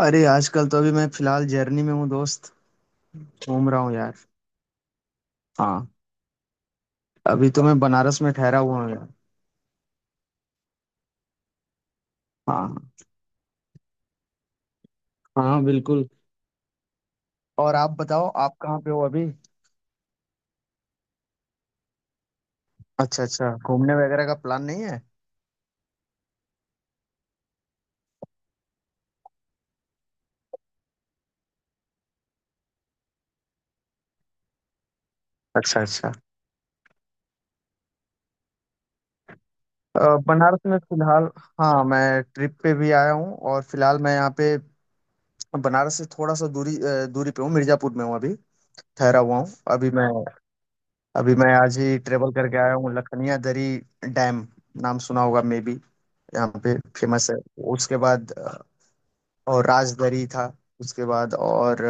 अरे आजकल तो अभी मैं फिलहाल जर्नी में हूँ दोस्त। घूम रहा हूँ यार। हाँ, अभी तो मैं बनारस में ठहरा हुआ हूँ यार। हाँ। हाँ बिल्कुल। और आप बताओ, आप कहाँ पे हो अभी? अच्छा अच्छा, घूमने वगैरह का प्लान नहीं है? अच्छा अच्छा। अ, बनारस में फिलहाल। हाँ मैं ट्रिप पे भी आया हूँ और फिलहाल मैं यहाँ पे बनारस से थोड़ा सा दूरी पे हूँ। मिर्जापुर में हूँ अभी। ठहरा हुआ हूँ अभी मैं। अभी मैं आज ही ट्रेवल करके आया हूँ लखनिया दरी डैम। नाम सुना होगा मे बी। यहाँ पे फेमस है। उसके बाद और राजदरी था। उसके बाद और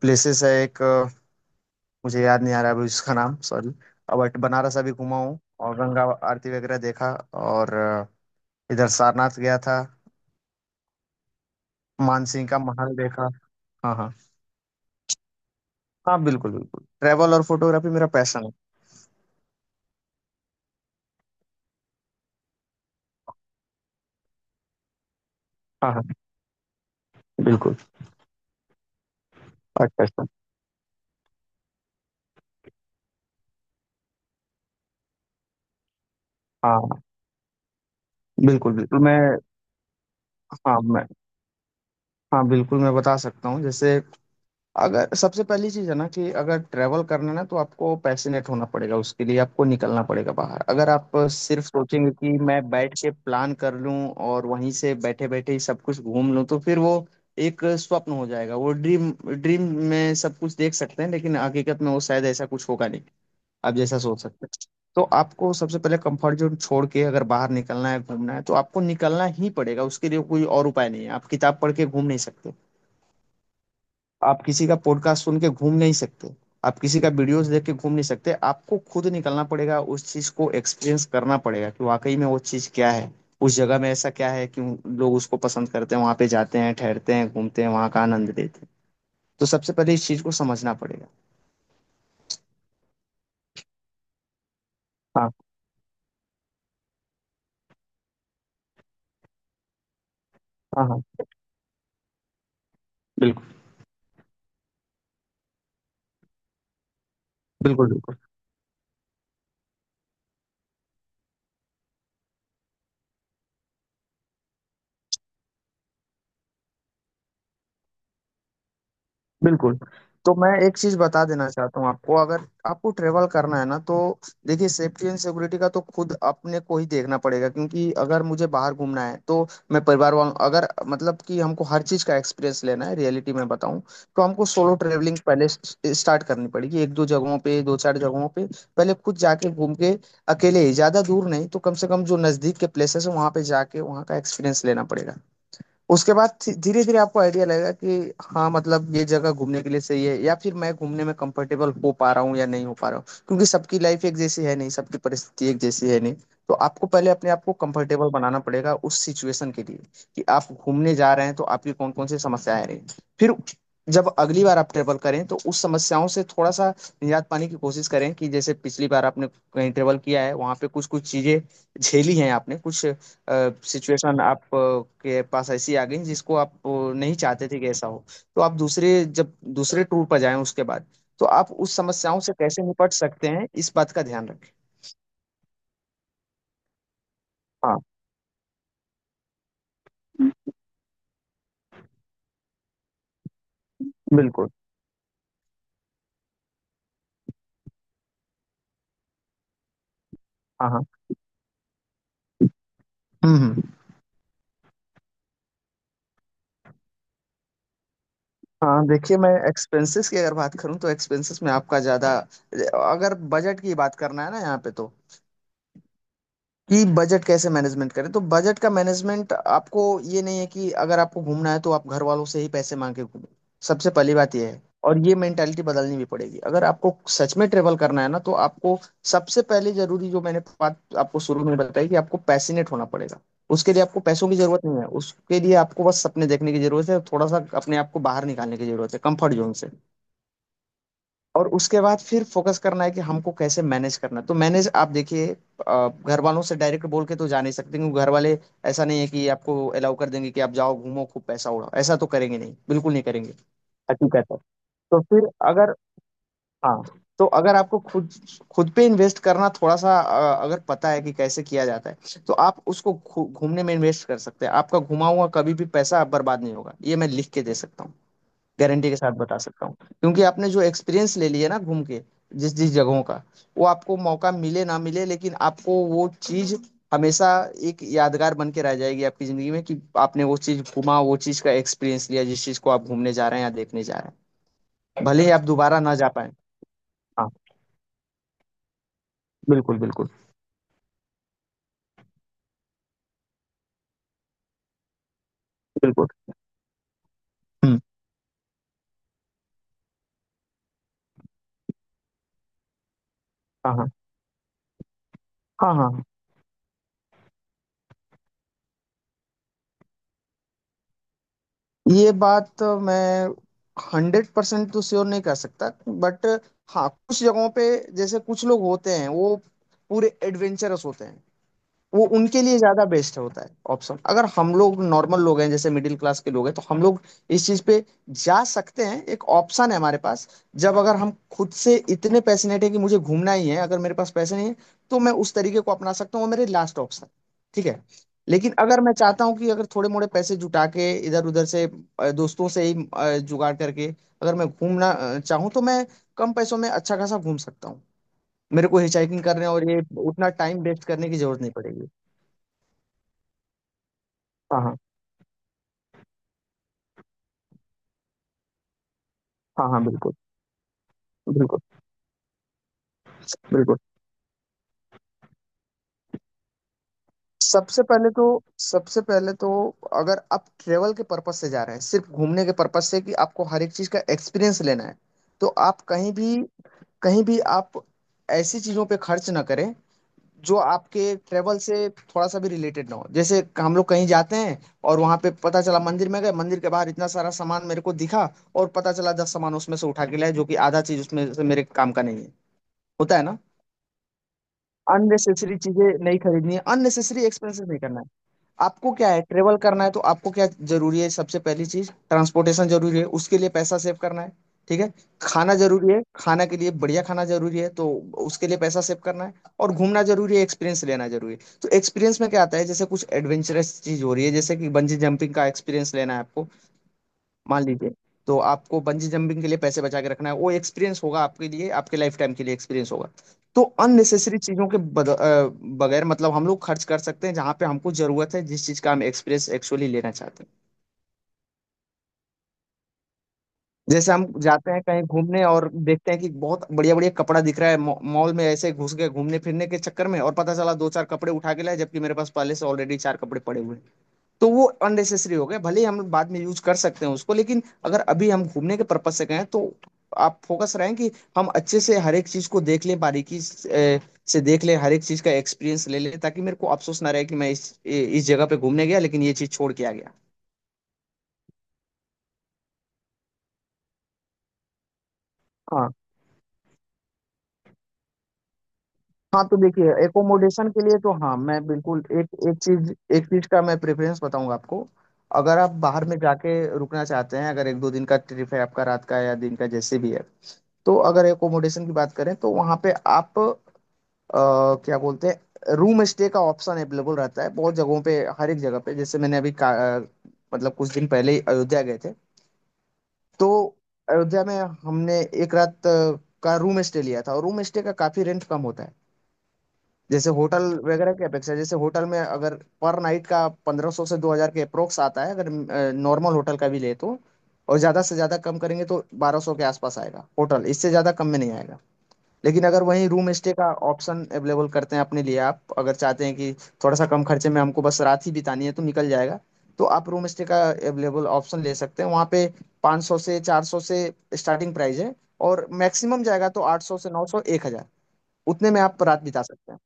प्लेसेस है एक, मुझे याद नहीं आ रहा है अभी उसका नाम, सॉरी। बट बनारस अभी घुमा हूँ, और गंगा आरती वगैरह देखा, और इधर सारनाथ गया था। मानसिंह का महल देखा। हाँ हाँ। हाँ बिल्कुल बिल्कुल, ट्रैवल और फोटोग्राफी मेरा पैशन है। हाँ हाँ बिल्कुल। अच्छा अच्छा। हाँ बिल्कुल बिल्कुल मैं, हाँ मैं, हाँ बिल्कुल, मैं बता सकता हूँ जैसे, अगर सबसे पहली चीज़ है ना कि अगर ट्रैवल करना है ना, तो आपको पैशनेट होना पड़ेगा। उसके लिए आपको निकलना पड़ेगा बाहर। अगर आप सिर्फ सोचेंगे कि मैं बैठ के प्लान कर लूं और वहीं से बैठे बैठे ही सब कुछ घूम लूं, तो फिर वो एक स्वप्न हो जाएगा। वो ड्रीम ड्रीम में सब कुछ देख सकते हैं लेकिन हकीकत में वो शायद ऐसा कुछ होगा नहीं, आप जैसा सोच सकते हैं। तो आपको सबसे पहले कंफर्ट जोन छोड़ के, अगर बाहर निकलना है घूमना है, तो आपको निकलना ही पड़ेगा। उसके लिए कोई और उपाय नहीं है। आप किताब पढ़ के घूम नहीं सकते, आप किसी का पॉडकास्ट सुन के घूम नहीं सकते, आप किसी का वीडियोस देख के घूम नहीं सकते। आपको खुद निकलना पड़ेगा, उस चीज को एक्सपीरियंस करना पड़ेगा कि वाकई में वो चीज क्या है। उस जगह में ऐसा क्या है कि लोग उसको पसंद करते हैं, वहां पे जाते हैं, ठहरते हैं, घूमते हैं, वहां का आनंद लेते हैं। तो सबसे पहले इस चीज को समझना पड़ेगा। हाँ हाँ। हाँ बिल्कुल बिल्कुल। बिल्कुल बिल्कुल, तो मैं एक चीज बता देना चाहता हूँ आपको। अगर आपको ट्रेवल करना है ना, तो देखिए, सेफ्टी एंड सिक्योरिटी का तो खुद अपने को ही देखना पड़ेगा। क्योंकि अगर मुझे बाहर घूमना है तो मैं परिवार वालों, अगर मतलब कि हमको हर चीज का एक्सपीरियंस लेना है रियलिटी में बताऊं, तो हमको सोलो ट्रेवलिंग पहले स्टार्ट करनी पड़ेगी। एक दो जगहों पे, दो चार जगहों पे पहले खुद जाके घूम के, अकेले ही। ज्यादा दूर नहीं तो कम से कम जो नजदीक के प्लेसेस है वहां पे जाके वहां का एक्सपीरियंस लेना पड़ेगा। उसके बाद धीरे धीरे आपको आइडिया लगेगा कि हाँ, मतलब ये जगह घूमने के लिए सही है या फिर मैं घूमने में कंफर्टेबल हो पा रहा हूँ या नहीं हो पा रहा हूँ। क्योंकि सबकी लाइफ एक जैसी है नहीं, सबकी परिस्थिति एक जैसी है नहीं। तो आपको पहले अपने आप को कंफर्टेबल बनाना पड़ेगा उस सिचुएशन के लिए कि आप घूमने जा रहे हैं तो आपकी कौन कौन सी समस्याएं आ रही हैं। फिर जब अगली बार आप ट्रेवल करें तो उस समस्याओं से थोड़ा सा निजात पाने की कोशिश करें, कि जैसे पिछली बार आपने कहीं ट्रेवल किया है वहां पे कुछ कुछ चीजें झेली हैं आपने, कुछ सिचुएशन आप के पास ऐसी आ गई जिसको आप नहीं चाहते थे कि ऐसा हो। तो आप दूसरे जब दूसरे टूर पर जाएं उसके बाद, तो आप उस समस्याओं से कैसे निपट सकते हैं इस बात का ध्यान रखें। हाँ बिल्कुल। हाँ हाँ। हम्म हम्म। हाँ देखिए, मैं एक्सपेंसेस की अगर बात करूं तो एक्सपेंसेस में आपका ज़्यादा, अगर बजट की बात करना है ना यहाँ पे, तो कि बजट कैसे मैनेजमेंट करें, तो बजट का मैनेजमेंट आपको, ये नहीं है कि अगर आपको घूमना है तो आप घर वालों से ही पैसे मांग के घूमें। सबसे पहली बात ये है, और ये मेंटालिटी बदलनी भी पड़ेगी अगर आपको सच में ट्रेवल करना है ना, तो आपको सबसे पहले जरूरी जो मैंने बात आपको शुरू में बताई कि आपको पैशनेट होना पड़ेगा। उसके लिए आपको पैसों की जरूरत नहीं है, उसके लिए आपको बस सपने देखने की जरूरत है और थोड़ा सा अपने आप को बाहर निकालने की जरूरत है, कंफर्ट जोन से। और उसके बाद फिर फोकस करना है कि हमको कैसे मैनेज करना है। तो मैनेज आप देखिए, घर वालों से डायरेक्ट बोल के तो जा नहीं सकते, क्योंकि घर वाले, ऐसा नहीं है कि आपको अलाउ कर देंगे कि आप जाओ घूमो खूब पैसा उड़ाओ। ऐसा तो करेंगे नहीं, बिल्कुल नहीं करेंगे। हकीकत है। तो फिर अगर, हाँ, तो अगर आपको खुद खुद पे इन्वेस्ट करना, थोड़ा सा अगर पता है कि कैसे किया जाता है, तो आप उसको घूमने में इन्वेस्ट कर सकते हैं। आपका घुमा हुआ कभी भी पैसा बर्बाद नहीं होगा, ये मैं लिख के दे सकता हूँ, गारंटी के साथ बता सकता हूँ। क्योंकि आपने जो एक्सपीरियंस ले लिया ना घूम के, जिस जिस जगहों का, वो आपको मौका मिले ना मिले लेकिन आपको वो चीज हमेशा एक यादगार बन के रह जाएगी आपकी जिंदगी में, कि आपने वो चीज घूमा, वो चीज का एक्सपीरियंस लिया, जिस चीज को आप घूमने जा रहे हैं या देखने जा रहे हैं, भले ही आप दोबारा ना जा पाए। हाँ बिल्कुल बिल्कुल बिल्कुल। हम्म। हाँ हाँ हाँ। हाँ हाँ। ये बात तो मैं 100% तो श्योर नहीं कर सकता, बट हाँ कुछ जगहों पे, जैसे कुछ लोग होते हैं वो पूरे एडवेंचरस होते हैं, वो उनके लिए ज्यादा बेस्ट होता है ऑप्शन। अगर हम लोग नॉर्मल लोग हैं, जैसे मिडिल क्लास के लोग हैं, तो हम लोग इस चीज पे जा सकते हैं, एक ऑप्शन है हमारे पास। जब अगर हम खुद से इतने पैशनेट है कि मुझे घूमना ही है, अगर मेरे पास पैसे नहीं है, तो मैं उस तरीके को अपना सकता हूँ, वो मेरे लास्ट ऑप्शन। ठीक है। लेकिन अगर मैं चाहता हूँ कि अगर थोड़े मोड़े पैसे जुटा के इधर उधर से, दोस्तों से ही जुगाड़ करके अगर मैं घूमना चाहूँ, तो मैं कम पैसों में अच्छा खासा घूम सकता हूँ। मेरे को हिचाइकिंग करने और ये उतना टाइम वेस्ट करने की जरूरत नहीं पड़ेगी। हाँ हाँ हाँ हाँ। बिल्कुल बिल्कुल बिल्कुल। सबसे पहले तो, सबसे पहले तो, अगर आप ट्रेवल के पर्पज से जा रहे हैं, सिर्फ घूमने के पर्पज से, कि आपको हर एक चीज का एक्सपीरियंस लेना है, तो आप कहीं भी, कहीं भी आप ऐसी चीजों पे खर्च ना करें जो आपके ट्रेवल से थोड़ा सा भी रिलेटेड ना हो। जैसे हम लोग कहीं जाते हैं और वहां पे पता चला मंदिर में गए, मंदिर के बाहर इतना सारा सामान मेरे को दिखा, और पता चला 10 सामान उसमें से उठा के लाए, जो कि आधा चीज उसमें से मेरे काम का नहीं है। होता है ना। अननेसेसरी चीजें नहीं खरीदनी है, अननेसेसरी एक्सपेंसेस नहीं करना है। आपको क्या है, ट्रेवल करना है तो आपको क्या जरूरी है, सबसे पहली चीज ट्रांसपोर्टेशन जरूरी है, उसके लिए पैसा सेव करना है। ठीक है। खाना जरूरी है, खाना के लिए बढ़िया खाना जरूरी है, तो उसके लिए पैसा सेव करना है। और घूमना जरूरी है, एक्सपीरियंस लेना जरूरी है। तो एक्सपीरियंस में क्या आता है, जैसे कुछ एडवेंचरस चीज हो रही है, जैसे कि बंजी जंपिंग का एक्सपीरियंस लेना है आपको, मान लीजिए, तो आपको बंजी जंपिंग के लिए पैसे बचा के रखना है, वो एक्सपीरियंस होगा आपके लिए, आपके लाइफ टाइम के लिए एक्सपीरियंस होगा। तो अननेसेसरी चीजों के बगैर मतलब हम लोग खर्च कर सकते हैं जहां पे हमको जरूरत है, जिस चीज का हम एक्सपीरियंस एक्चुअली लेना चाहते हैं। जैसे हम जाते हैं कहीं घूमने और देखते हैं कि बहुत बढ़िया बढ़िया कपड़ा दिख रहा है, मॉल में ऐसे घुस गए घूमने फिरने के चक्कर में और पता चला दो चार कपड़े उठा के लाए, जबकि मेरे पास पहले से ऑलरेडी चार कपड़े पड़े हुए हैं। तो वो अननेसेसरी हो गया। भले ही हम बाद में यूज कर सकते हैं उसको, लेकिन अगर अभी हम घूमने के पर्पज से गए हैं, तो आप फोकस रहें कि हम अच्छे से हर एक चीज को देख लें, बारीकी से देख लें, हर एक चीज का एक्सपीरियंस ले लें, ताकि मेरे को अफसोस ना रहे कि मैं इस जगह पे घूमने गया लेकिन ये चीज छोड़ के आ गया। हाँ हाँ, तो देखिए, एकोमोडेशन के लिए तो हाँ मैं बिल्कुल एक एक चीज, एक चीज का मैं प्रेफरेंस बताऊंगा आपको। अगर आप बाहर में जाके रुकना चाहते हैं, अगर एक दो दिन का ट्रिप है आपका, रात का या दिन का जैसे भी है, तो अगर एकोमोडेशन की बात करें तो वहाँ पे आप, क्या बोलते हैं, रूम स्टे का ऑप्शन अवेलेबल रहता है बहुत जगहों पे, हर एक जगह पे। जैसे मैंने अभी अ, मतलब कुछ दिन पहले ही अयोध्या गए थे, तो अयोध्या में हमने एक रात का रूम स्टे लिया था और रूम स्टे का काफी रेंट कम होता है जैसे होटल वगैरह की अपेक्षा। जैसे होटल में अगर पर नाइट का 1500 से 2000 के अप्रोक्स आता है, अगर नॉर्मल होटल का भी ले तो। और ज्यादा से ज्यादा कम करेंगे तो 1200 के आसपास आएगा होटल, इससे ज्यादा कम में नहीं आएगा। लेकिन अगर वहीं रूम स्टे का ऑप्शन अवेलेबल करते हैं अपने लिए, आप अगर चाहते हैं कि थोड़ा सा कम खर्चे में हमको बस रात ही बितानी है तो निकल जाएगा। तो आप रूम स्टे का अवेलेबल ऑप्शन ले सकते हैं वहाँ पे। 500 से 400 से स्टार्टिंग प्राइस है, और मैक्सिमम जाएगा तो 800 से 900 1000। उतने में आप रात बिता सकते हैं।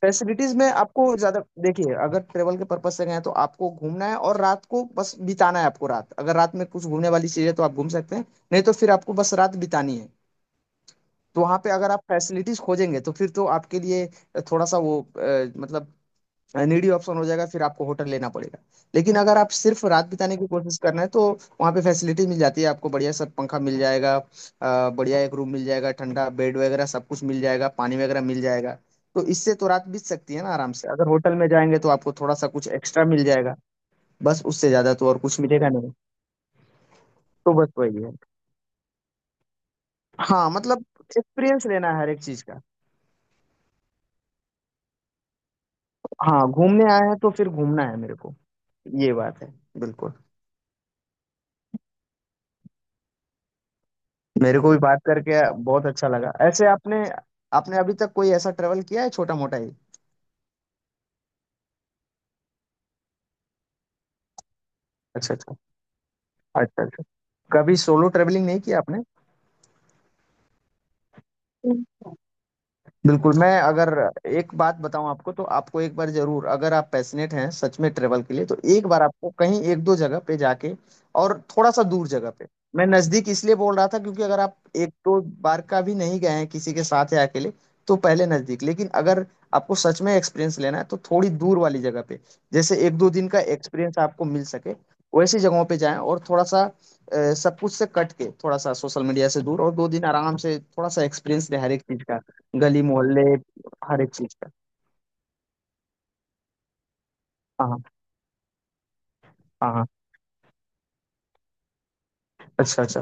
फैसिलिटीज में आपको ज्यादा, देखिए अगर ट्रेवल के पर्पज से गए हैं तो आपको घूमना है और रात को बस बिताना है। आपको रात अगर रात में कुछ घूमने वाली चीज है तो आप घूम सकते हैं, नहीं तो फिर आपको बस रात बितानी है। तो वहां पे अगर आप फैसिलिटीज खोजेंगे तो फिर तो आपके लिए थोड़ा सा वो मतलब नीडी ऑप्शन हो जाएगा, फिर आपको होटल लेना पड़ेगा। लेकिन अगर आप सिर्फ रात बिताने की कोशिश करना है तो वहाँ पे फैसिलिटी मिल जाती है। आपको बढ़िया सा पंखा मिल जाएगा, बढ़िया एक रूम मिल जाएगा, ठंडा बेड वगैरह सब कुछ मिल जाएगा, पानी वगैरह मिल जाएगा। तो इससे तो रात बीत सकती है ना आराम से। अगर होटल में जाएंगे तो आपको थोड़ा सा कुछ एक्स्ट्रा मिल जाएगा, बस उससे ज्यादा तो और कुछ मिलेगा नहीं। तो बस वही है। हाँ मतलब एक्सपीरियंस लेना है हर एक चीज का। हाँ, घूमने आए हैं तो फिर घूमना है मेरे को। ये बात है। बिल्कुल। मेरे को भी बात करके बहुत अच्छा लगा ऐसे। आपने आपने अभी तक कोई ऐसा ट्रेवल किया है छोटा मोटा ही? अच्छा अच्छा, अच्छा अच्छा। कभी सोलो ट्रेवलिंग नहीं किया आपने? बिल्कुल। मैं अगर एक बात बताऊं आपको, तो आपको एक बार जरूर, अगर आप पैशनेट हैं सच में ट्रेवल के लिए, तो एक बार आपको कहीं एक दो जगह पे जाके और थोड़ा सा दूर जगह पे। मैं नजदीक इसलिए बोल रहा था क्योंकि अगर आप एक दो बार का भी नहीं गए हैं किसी के साथ या अकेले तो पहले नजदीक। लेकिन अगर आपको सच में एक्सपीरियंस लेना है तो थोड़ी दूर वाली जगह पे, जैसे एक दो दिन का एक्सपीरियंस आपको मिल सके वैसी जगहों पे जाएं। और थोड़ा सा सब कुछ से कट के, थोड़ा सा सोशल मीडिया से दूर, और दो दिन आराम से थोड़ा सा एक्सपीरियंस ले हर एक चीज का। गली मोहल्ले हर एक चीज का। हाँ हाँ हाँ, अच्छा अच्छा।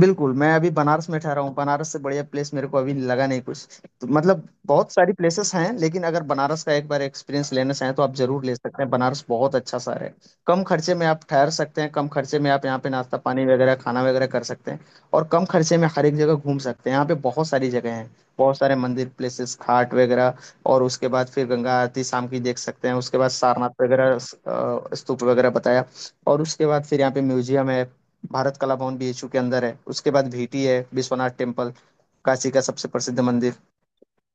बिल्कुल। मैं अभी बनारस में ठहरा हूँ, बनारस से बढ़िया प्लेस मेरे को अभी लगा नहीं कुछ। तो मतलब बहुत सारी प्लेसेस हैं, लेकिन अगर बनारस का एक बार एक्सपीरियंस लेना चाहें तो आप जरूर ले सकते हैं। बनारस बहुत अच्छा शहर है। कम खर्चे में आप ठहर सकते हैं, कम खर्चे में आप यहाँ पे नाश्ता पानी वगैरह, खाना वगैरह कर सकते हैं, और कम खर्चे में हर एक जगह घूम सकते हैं। यहाँ पे बहुत सारी जगह हैं, बहुत सारे मंदिर, प्लेसेस, घाट वगैरह। और उसके बाद फिर गंगा आरती शाम की देख सकते हैं, उसके बाद सारनाथ वगैरह, स्तूप वगैरह बताया। और उसके बाद फिर यहाँ पे म्यूजियम है, भारत कला भवन बीएचयू के अंदर है। उसके बाद भीटी है, विश्वनाथ टेम्पल, काशी का सबसे प्रसिद्ध मंदिर।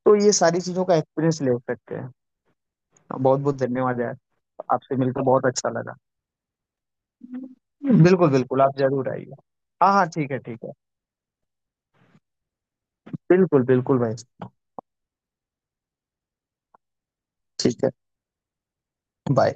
तो ये सारी चीजों का एक्सपीरियंस ले सकते हैं। बहुत बहुत धन्यवाद यार, आपसे मिलकर बहुत अच्छा लगा। बिल्कुल बिल्कुल, आप जरूर आइए। हाँ हाँ ठीक है ठीक है। बिल्कुल बिल्कुल भाई। ठीक है। बाय।